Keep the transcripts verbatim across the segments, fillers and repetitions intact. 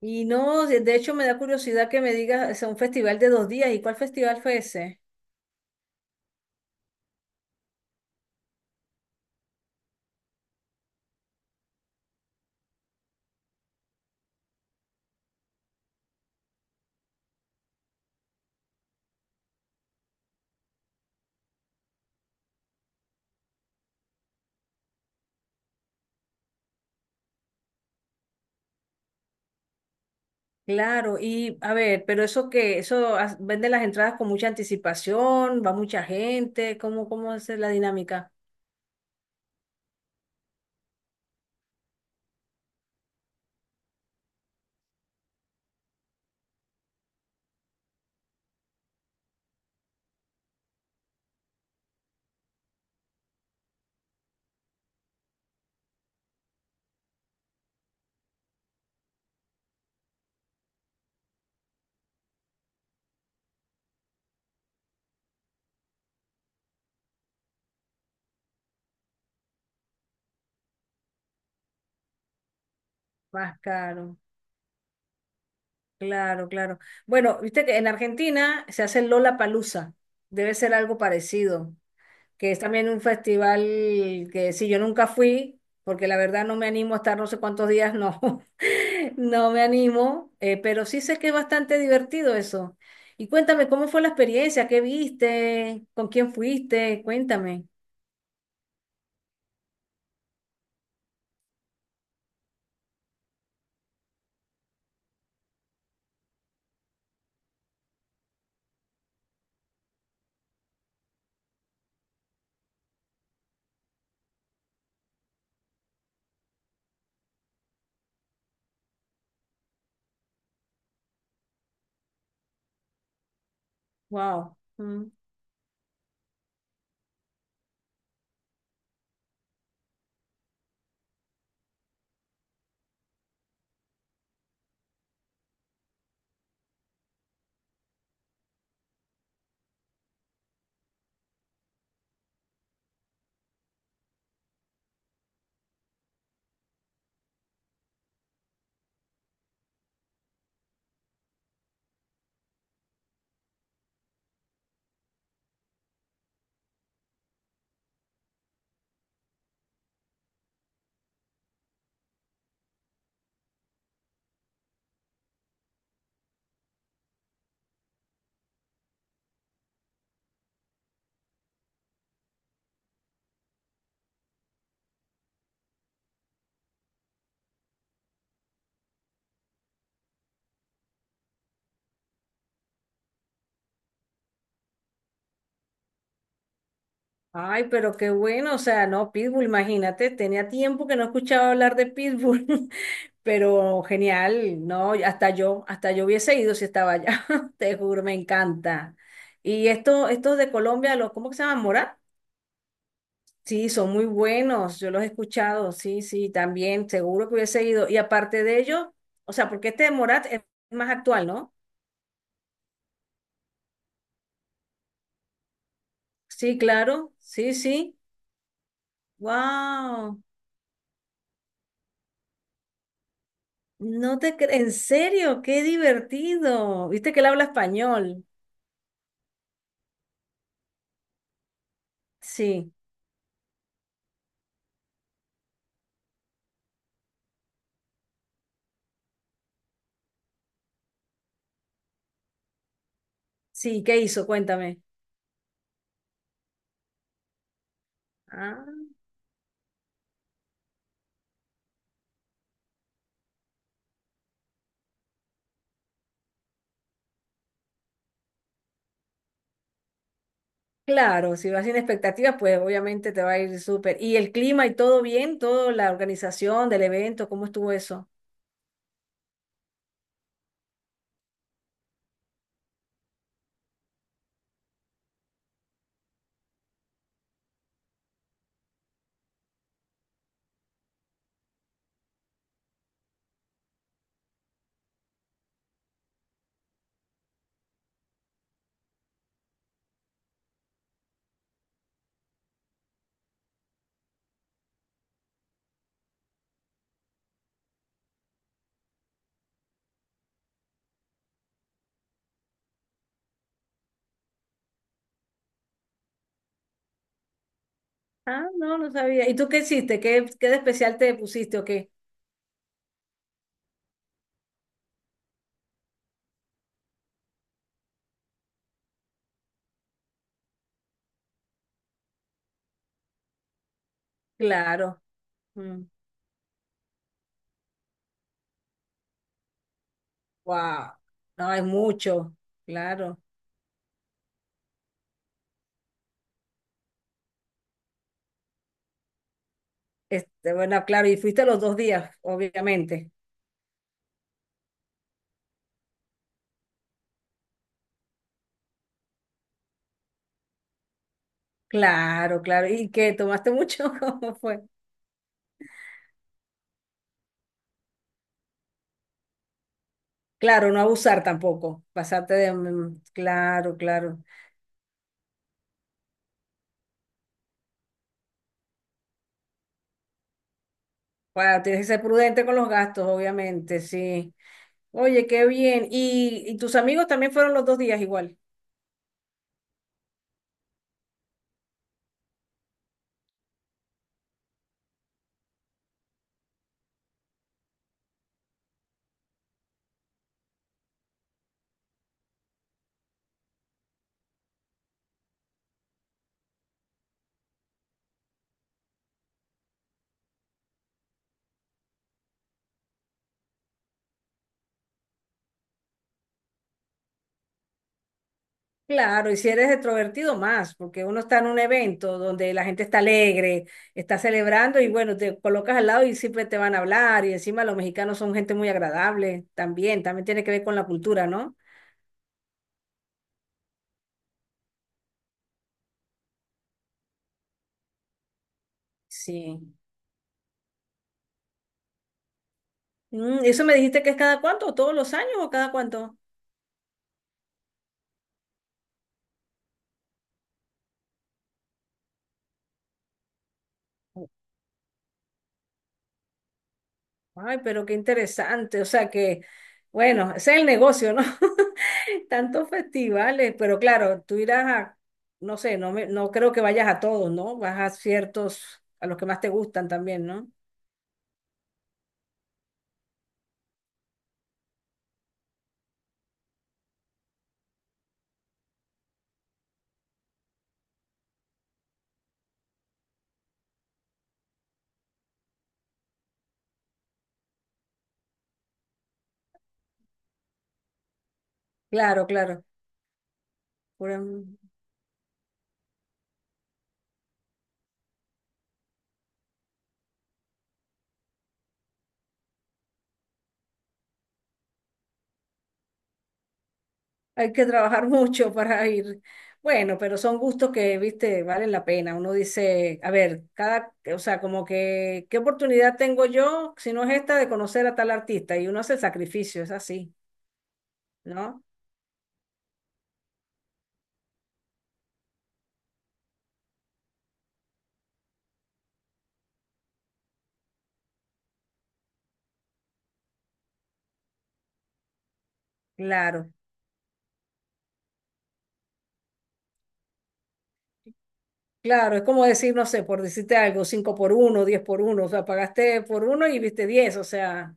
Y no, de de hecho me da curiosidad que me digas, o sea, un festival de dos días, ¿y cuál festival fue ese? Claro, y a ver, pero eso que, eso as- venden las entradas con mucha anticipación, va mucha gente, ¿cómo, cómo es la dinámica? Más caro, claro, claro. Bueno, viste que en Argentina se hace el Lollapalooza, debe ser algo parecido. Que es también un festival que sí, yo nunca fui, porque la verdad no me animo a estar no sé cuántos días, no, no me animo, eh, pero sí sé que es bastante divertido eso. Y cuéntame, ¿cómo fue la experiencia? ¿Qué viste? ¿Con quién fuiste? Cuéntame. Wow. Ay, pero qué bueno, o sea, no, Pitbull, imagínate, tenía tiempo que no escuchaba hablar de Pitbull, pero genial, no, hasta yo, hasta yo hubiese ido si estaba allá, te juro, me encanta. Y esto, estos de Colombia, los, ¿cómo que se llaman? ¿Mora? Sí, son muy buenos, yo los he escuchado, sí, sí, también, seguro que hubiese ido. Y aparte de ello, o sea, porque este de Morat es más actual, ¿no? Sí, claro, sí, sí, wow. No te cre- En serio, qué divertido. Viste que él habla español. Sí, sí, ¿qué hizo? Cuéntame. Ah, claro, si vas sin expectativas, pues obviamente te va a ir súper. ¿Y el clima y todo bien? ¿Toda la organización del evento? ¿Cómo estuvo eso? Ah, no, no sabía. ¿Y tú qué hiciste? ¿Qué, qué de especial te pusiste o qué? Claro. Wow. No, es mucho. Claro. Este, bueno, claro, y fuiste los dos días, obviamente. Claro, claro. ¿Y qué? ¿Tomaste mucho? ¿Cómo fue? Claro, no abusar tampoco, pasarte de... mm, claro, claro. Bueno, tienes que ser prudente con los gastos, obviamente, sí. Oye, qué bien. ¿Y, y tus amigos también fueron los dos días igual? Claro, y si eres extrovertido más, porque uno está en un evento donde la gente está alegre, está celebrando y bueno, te colocas al lado y siempre te van a hablar y encima los mexicanos son gente muy agradable también, también tiene que ver con la cultura, ¿no? Sí. Mm, ¿eso me dijiste que es cada cuánto? ¿Todos los años o cada cuánto? Ay, pero qué interesante. O sea que, bueno, ese es el negocio, ¿no? Tantos festivales, pero claro, tú irás a, no sé, no me, no creo que vayas a todos, ¿no? Vas a ciertos, a los que más te gustan también, ¿no? Claro, claro. Pura- hay que trabajar mucho para ir. Bueno, pero son gustos que, viste, valen la pena. Uno dice, a ver, cada, o sea, como que, ¿qué oportunidad tengo yo, si no es esta, de conocer a tal artista? Y uno hace el sacrificio, es así, ¿no? Claro. Claro, es como decir, no sé, por decirte algo, cinco por uno, diez por uno. O sea, pagaste por uno y viste diez. O sea,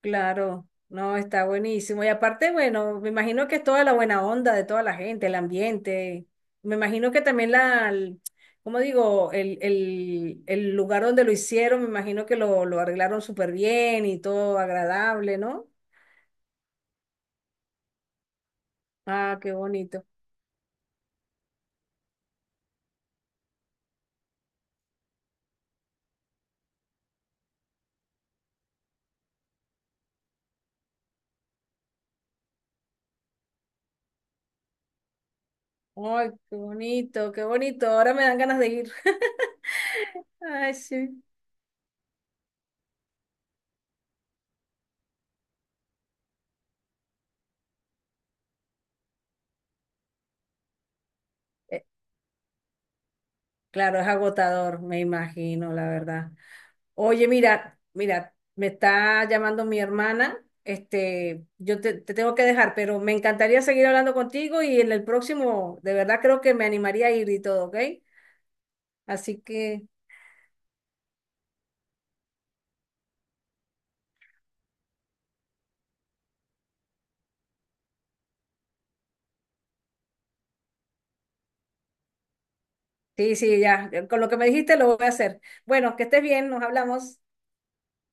claro, no, está buenísimo. Y aparte, bueno, me imagino que es toda la buena onda de toda la gente, el ambiente, me imagino que también la, el- ¿cómo digo? El, el, el lugar donde lo hicieron, me imagino que lo, lo arreglaron súper bien y todo agradable, ¿no? Ah, qué bonito. Ay, qué bonito, qué bonito. Ahora me dan ganas de ir. Ay, sí. Claro, es agotador, me imagino, la verdad. Oye, mira, mira, me está llamando mi hermana. Este, yo te, te tengo que dejar, pero me encantaría seguir hablando contigo y en el próximo, de verdad creo que me animaría a ir y todo, ¿ok? Así que, sí, sí, ya, con lo que me dijiste lo voy a hacer. Bueno, que estés bien, nos hablamos.